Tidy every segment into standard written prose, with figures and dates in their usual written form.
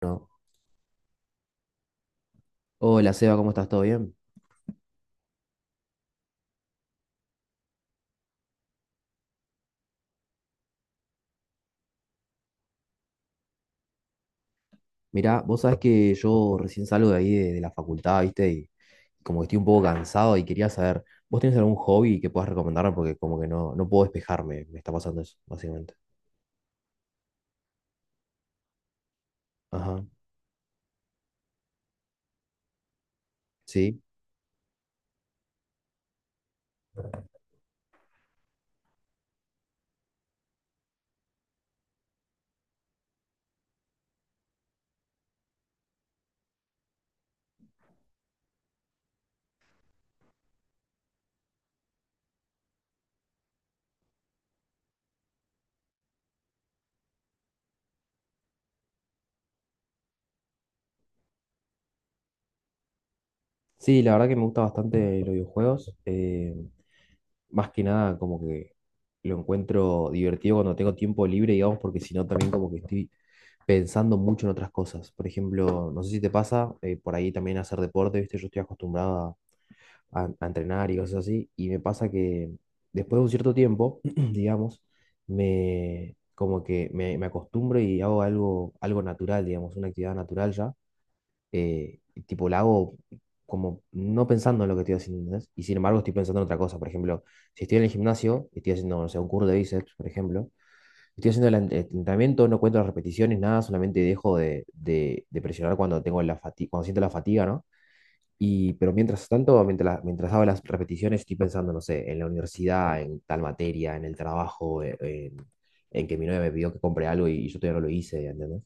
No. Hola Seba, ¿cómo estás? ¿Todo bien? Mirá, vos sabés que yo recién salgo de ahí de la facultad, ¿viste? Y como que estoy un poco cansado y quería saber, ¿vos tenés algún hobby que puedas recomendarme? Porque como que no puedo despejarme, me está pasando eso, básicamente. Ajá, sí. Sí, la verdad que me gusta bastante los videojuegos. Más que nada como que lo encuentro divertido cuando tengo tiempo libre, digamos, porque si no también como que estoy pensando mucho en otras cosas. Por ejemplo, no sé si te pasa, por ahí también hacer deporte, ¿viste? Yo estoy acostumbrado a entrenar y cosas así. Y me pasa que después de un cierto tiempo, digamos, me como que me acostumbro y hago algo, algo natural, digamos, una actividad natural ya. Tipo, la hago como no pensando en lo que estoy haciendo, ¿entendés? Y sin embargo estoy pensando en otra cosa. Por ejemplo, si estoy en el gimnasio, estoy haciendo, no sé, un curso de bíceps, por ejemplo, estoy haciendo el entrenamiento, no cuento las repeticiones, nada, solamente dejo de presionar cuando tengo la fatiga, cuando siento la fatiga, ¿no? Y, pero mientras tanto, mientras hago las repeticiones, estoy pensando, no sé, en la universidad, en tal materia, en el trabajo, en, en que mi novia me pidió que compre algo y, yo todavía no lo hice, ¿entendés?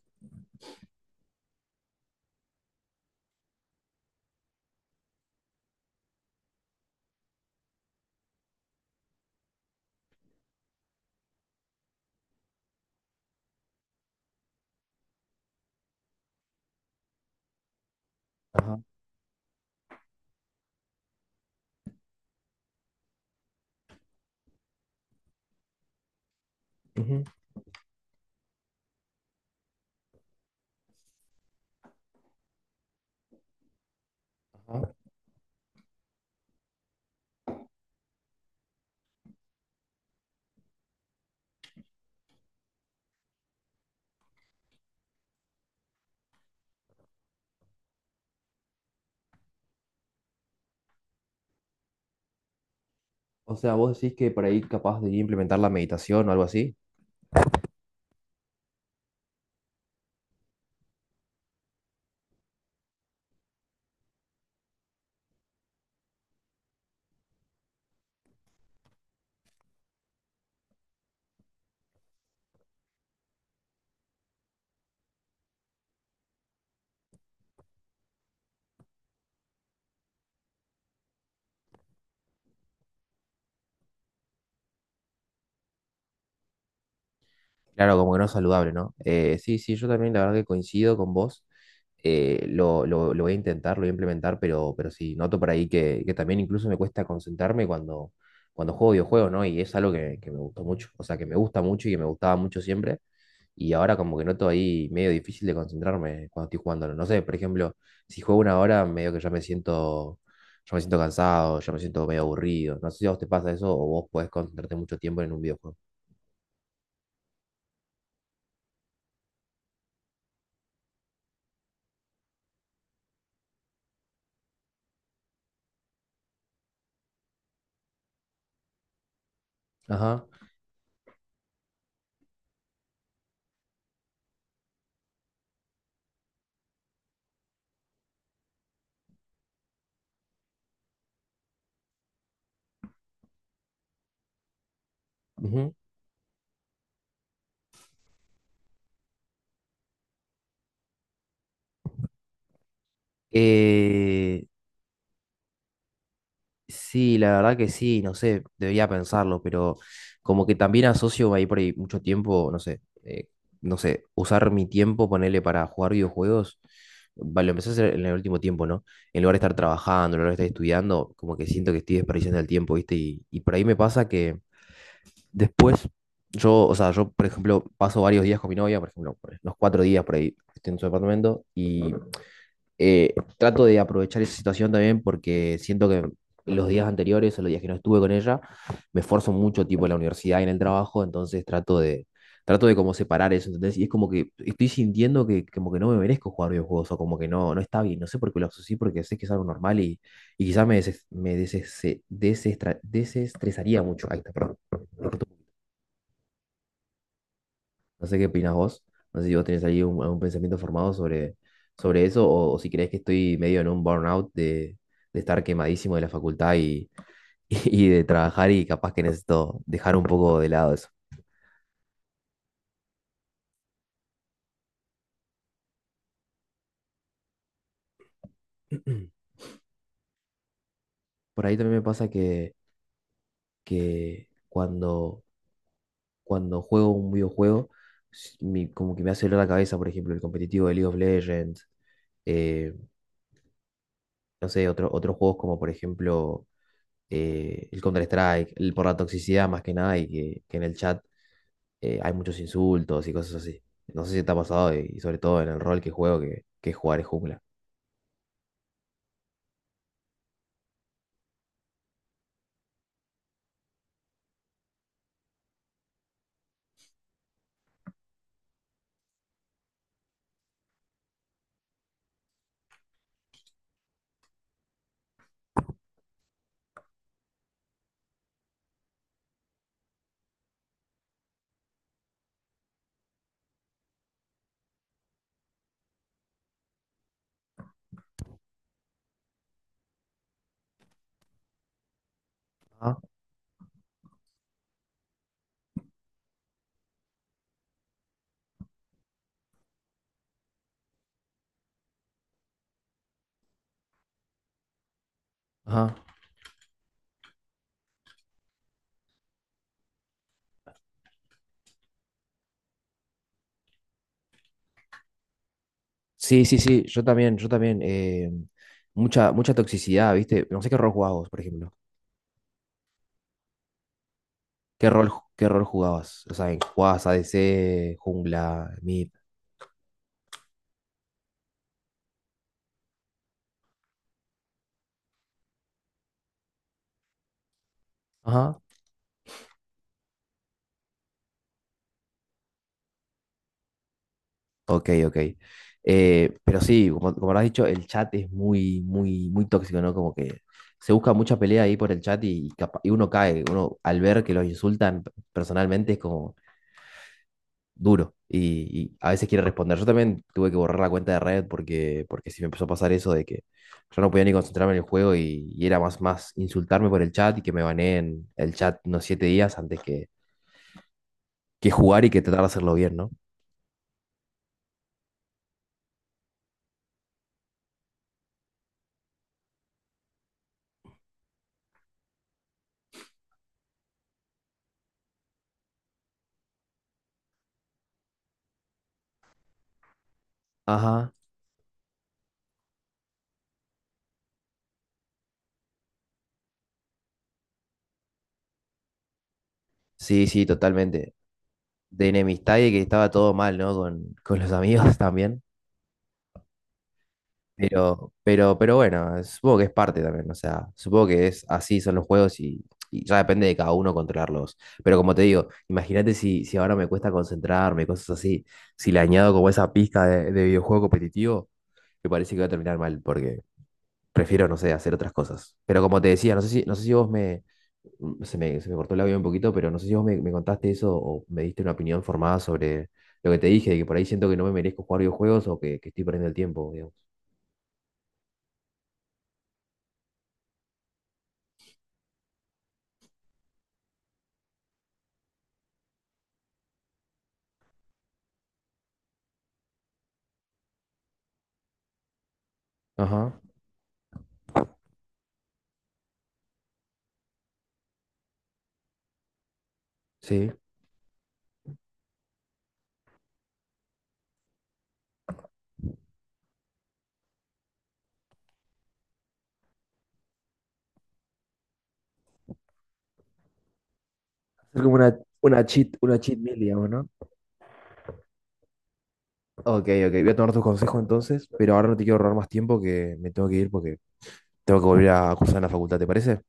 Ajá. Ujú. Ajá. O sea, vos decís que por ahí capaz de implementar la meditación o algo así. Claro, como que no es saludable, ¿no? Sí, sí, yo también la verdad que coincido con vos. Lo voy a intentar, lo voy a implementar, pero sí, noto por ahí que también incluso me cuesta concentrarme cuando, cuando juego videojuegos, ¿no? Y es algo que me gustó mucho, o sea, que me gusta mucho y que me gustaba mucho siempre. Y ahora como que noto ahí medio difícil de concentrarme cuando estoy jugándolo. No sé, por ejemplo, si juego una hora, medio que ya me siento cansado, ya me siento medio aburrido. No sé si a vos te pasa eso o vos podés concentrarte mucho tiempo en un videojuego. Ajá. Ujú. Eh, Sí, la verdad que sí, no sé, debería pensarlo, pero como que también asocio ahí por ahí mucho tiempo, no sé, no sé, usar mi tiempo, ponerle para jugar videojuegos, va, lo empecé a hacer en el último tiempo, ¿no? En lugar de estar trabajando, en lugar de estar estudiando, como que siento que estoy desperdiciando el tiempo, ¿viste? Y por ahí me pasa que después, yo, o sea, yo, por ejemplo, paso varios días con mi novia, por ejemplo, los cuatro días por ahí, estoy en su apartamento y trato de aprovechar esa situación también porque siento que los días anteriores o los días que no estuve con ella, me esfuerzo mucho, tipo, en la universidad y en el trabajo, entonces trato de como separar eso, ¿entendés? Y es como que estoy sintiendo que como que no me merezco jugar videojuegos o como que no, no está bien, no sé por qué lo asocié, porque sé que es algo normal y quizás me, desestresaría mucho. Ahí está, perdón. No sé qué opinas vos. No sé si vos tenés ahí un, algún pensamiento formado sobre, sobre eso o si crees que estoy medio en un burnout de estar quemadísimo de la facultad y, y de trabajar y capaz que necesito dejar un poco de lado eso. Por ahí también me pasa que cuando, cuando juego un videojuego, como que me hace doler la cabeza, por ejemplo, el competitivo de League of Legends, eh, no sé, otro- otros juegos como por ejemplo el Counter-Strike, el- por la toxicidad más que nada, y que en el chat hay muchos insultos y cosas así. No sé si te ha pasado y sobre todo en el rol que juego, que jugar es jungla. Ajá, ajá. Sí, sí, sí, yo también, yo también. Mucha, mucha toxicidad, ¿viste? No sé qué rol jugabas vos, por ejemplo. ¿Qué rol, qué rol jugabas? O sea, ¿jugabas ADC, jungla, mid? Ajá. Ok, ok. Pero sí, como, como habrás dicho, el chat es muy, muy, muy tóxico, ¿no? Como que se busca mucha pelea ahí por el chat y, y uno cae. Uno, al ver que los insultan personalmente, es como, duro y a veces quiere responder. Yo también tuve que borrar la cuenta de Reddit porque, porque sí me empezó a pasar eso de que yo no podía ni concentrarme en el juego y era más, más insultarme por el chat y que me baneen el chat unos siete días antes que jugar y que tratar de hacerlo bien, ¿no? Ajá, sí, sí, totalmente. De enemistad y que estaba todo mal, ¿no? Con los amigos también. Pero bueno, supongo que es parte también, o sea, supongo que es así son los juegos y ya depende de cada uno controlarlos. Pero como te digo, imagínate si, si ahora me cuesta concentrarme, cosas así, si le añado como esa pizca de videojuego competitivo, me parece que va a terminar mal, porque prefiero, no sé, hacer otras cosas. Pero como te decía, no sé si, no sé si vos me, se me, se me cortó el audio un poquito, pero no sé si vos me, me contaste eso o me diste una opinión formada sobre lo que te dije, de que por ahí siento que no me merezco jugar videojuegos o que estoy perdiendo el tiempo, digamos. Ajá. Sí. Hacer como una cheat meal, digamos, ¿no? Ok, ok, voy a tomar tus consejos entonces, pero ahora no te quiero ahorrar más tiempo que me tengo que ir porque tengo que volver a cursar en la facultad, ¿te parece?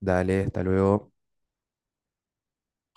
Dale, hasta luego.